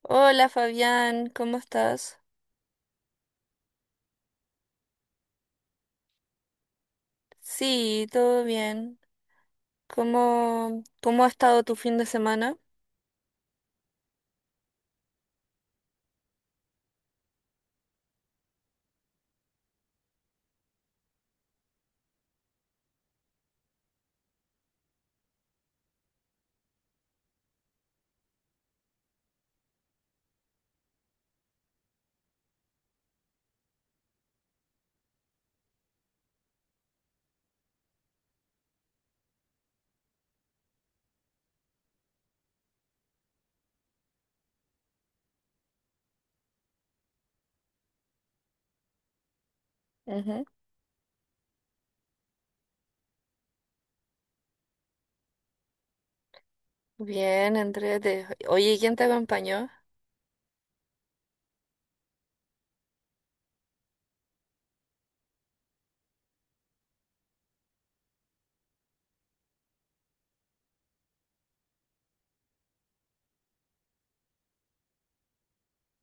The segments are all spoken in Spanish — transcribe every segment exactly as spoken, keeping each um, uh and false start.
Hola Fabián, ¿cómo estás? Sí, todo bien. ¿Cómo, cómo ha estado tu fin de semana? Ujú. Bien, entrete. Oye, ¿quién te acompañó?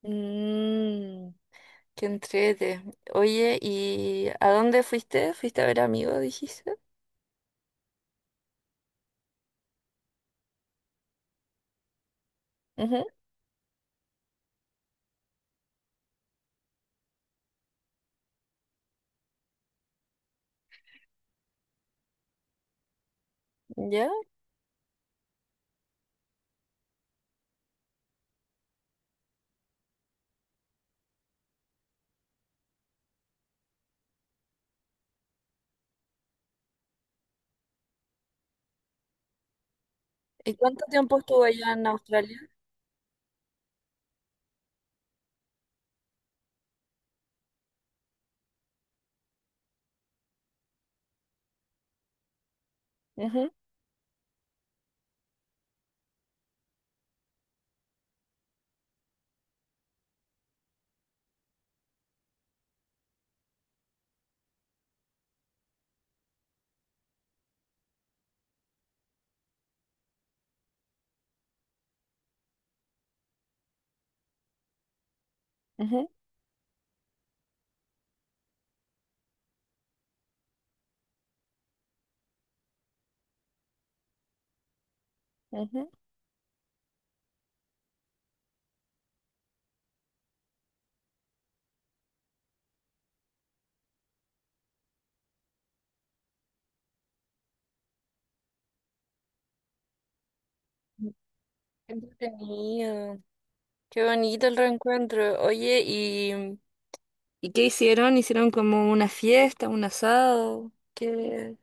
Mmm, qué entrete. Oye, ¿y a dónde fuiste? ¿Fuiste a ver amigos, dijiste? Ujú. ¿Ya? ¿Y cuánto tiempo estuvo allá en Australia? Ujú, ujú, ujú. Qué entretenido. Qué bonito el reencuentro. Oye, ¿y qué hicieron? ¿Hicieron como una fiesta, un asado? ¿Qué?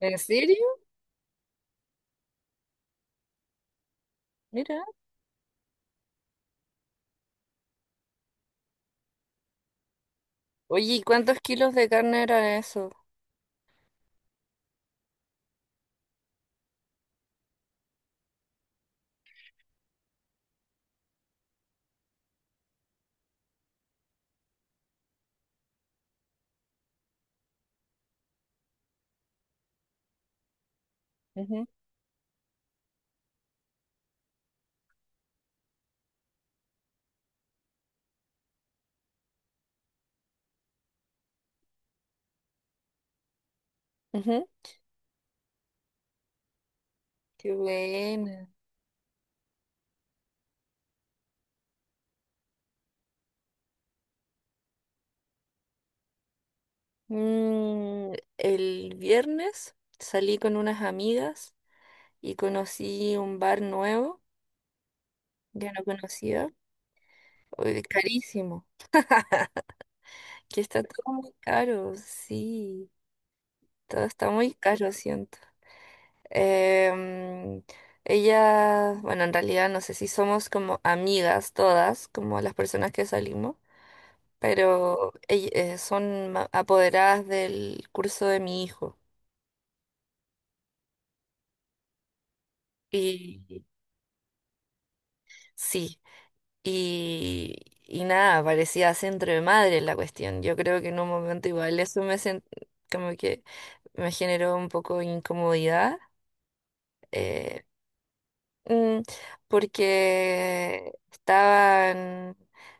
¿En serio? Mira. Oye, ¿y cuántos kilos de carne era eso? Ujú, ujú. Qué buena. Mm, el viernes salí con unas amigas y conocí un bar nuevo, ya no conocía. Oye, carísimo, que está todo muy caro, sí, todo está muy caro, siento. Em, ella, bueno, en realidad no sé si somos como amigas todas, como las personas que salimos, pero ell- eh, son ma- apoderadas del curso de mi hijo. Y sí, y, y nada, parecía centro de madre la cuestión. Yo creo que en un momento igual eso me, sen- como que me generó un poco de incomodidad. eh, Mm, Porque estaban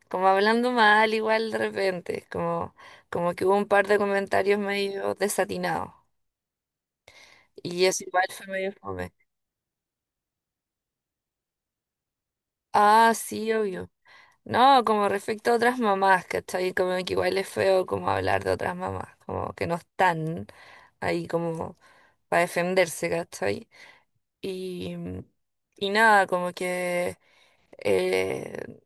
como hablando mal igual de repente, como, como que hubo un par de comentarios medio desatinados. Y eso igual fue medio fome. Ah, sí, obvio. No, como respecto a otras mamás, ¿cachai? Como que igual es feo como hablar de otras mamás, como que no están ahí como para defenderse, ¿cachai? Y, y nada, como que eh,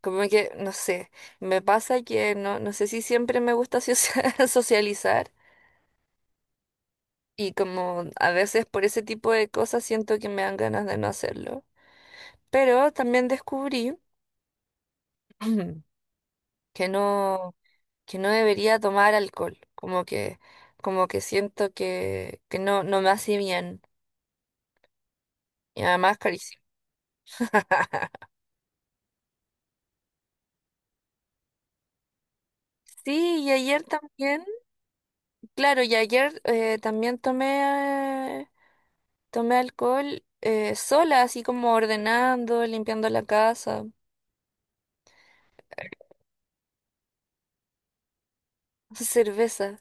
como que, no sé, me pasa que no, no sé si siempre me gusta socia- socializar, y como a veces por ese tipo de cosas siento que me dan ganas de no hacerlo. Pero también descubrí que no, que no debería tomar alcohol, como que, como que siento que, que no, no me hace bien y además carísimo. Sí, y ayer también, claro, y ayer eh, también tomé tomé alcohol, eh, sola, así como ordenando, limpiando la casa. Cerveza.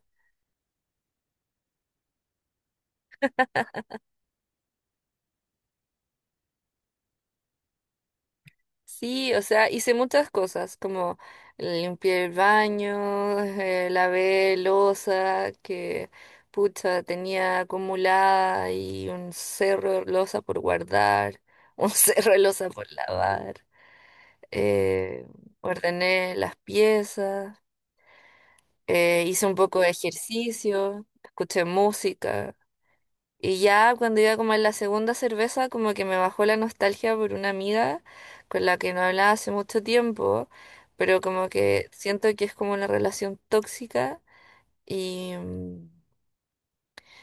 Sí, o sea, hice muchas cosas, como limpié el baño, eh, lavé loza que pucha tenía acumulada, y un cerro de loza por guardar, un cerro de loza por lavar. Eh, ordené las piezas, eh, hice un poco de ejercicio, escuché música. Y ya cuando iba como en la segunda cerveza, como que me bajó la nostalgia por una amiga con la que no hablaba hace mucho tiempo, pero como que siento que es como una relación tóxica y, mm,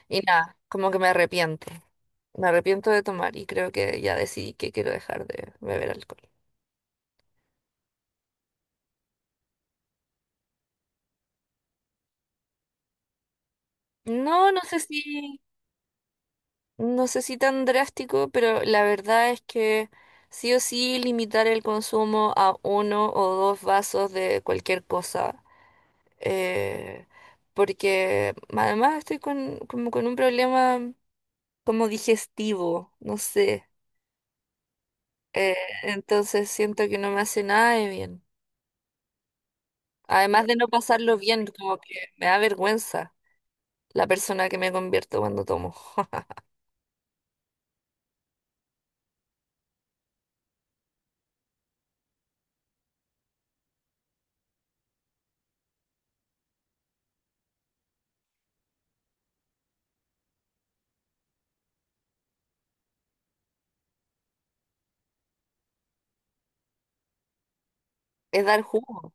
y nada, como que me arrepiento. Me arrepiento de tomar y creo que ya decidí que quiero dejar de beber alcohol. No, no sé si, no sé si tan drástico, pero la verdad es que sí o sí limitar el consumo a uno o dos vasos de cualquier cosa, eh, porque además estoy con, como con un problema como digestivo, no sé. eh, entonces siento que no me hace nada de bien. Además de no pasarlo bien, como que me da vergüenza la persona que me convierto cuando tomo. Es dar jugo.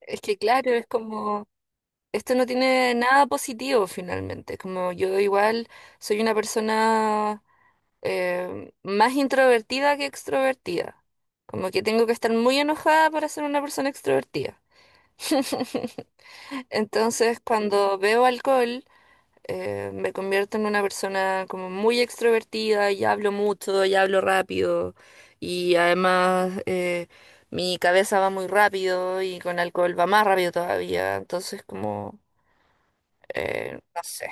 Es que claro, es como, esto no tiene nada positivo finalmente. Como yo igual soy una persona, eh, más introvertida que extrovertida. Como que tengo que estar muy enojada para ser una persona extrovertida. Entonces, cuando veo alcohol, eh, me convierto en una persona como muy extrovertida, y hablo mucho y hablo rápido. Y además, eh, mi cabeza va muy rápido y con alcohol va más rápido todavía. Entonces, como, eh, no sé.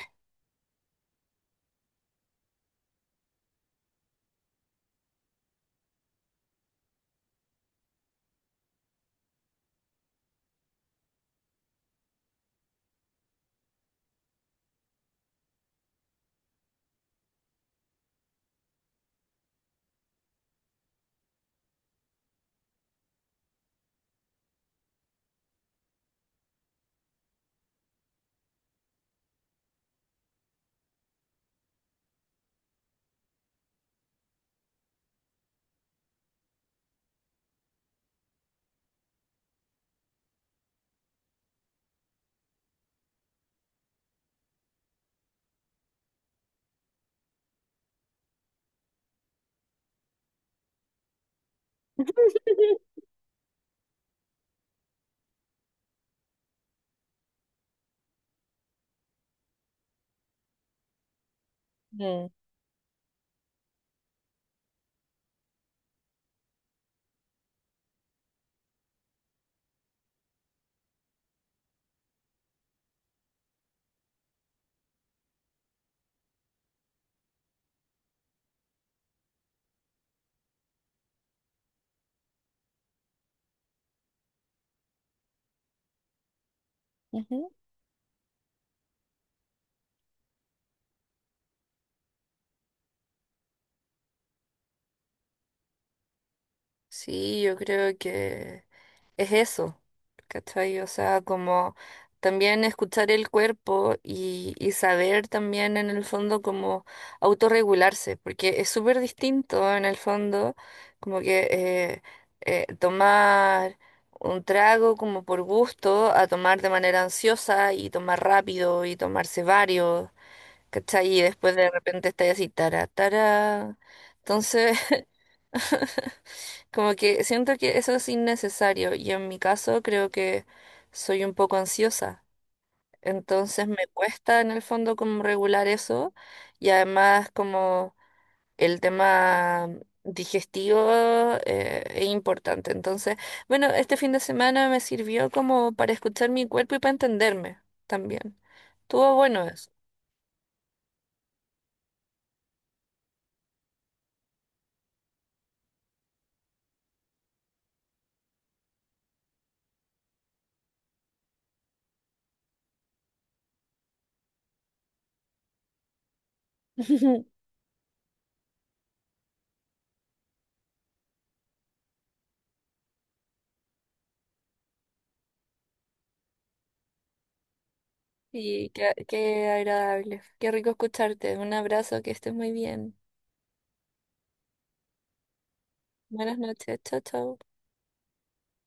Ujú. Sí, yo creo que... es eso, ¿cachai? O sea, como también escuchar el cuerpo y, y saber también en el fondo como autorregularse, porque es súper distinto en el fondo, como que eh, eh, tomar un trago como por gusto a tomar de manera ansiosa y tomar rápido y tomarse varios, ¿cachai? Y después de repente estáis así, tara, tara. Entonces... Como que siento que eso es innecesario y en mi caso creo que soy un poco ansiosa, entonces me cuesta en el fondo como regular eso, y además como el tema digestivo, eh, es importante. Entonces, bueno, este fin de semana me sirvió como para escuchar mi cuerpo y para entenderme también. Estuvo bueno eso. Y qué, qué agradable, qué rico escucharte. Un abrazo, que estés muy bien. Buenas noches, chao, chao.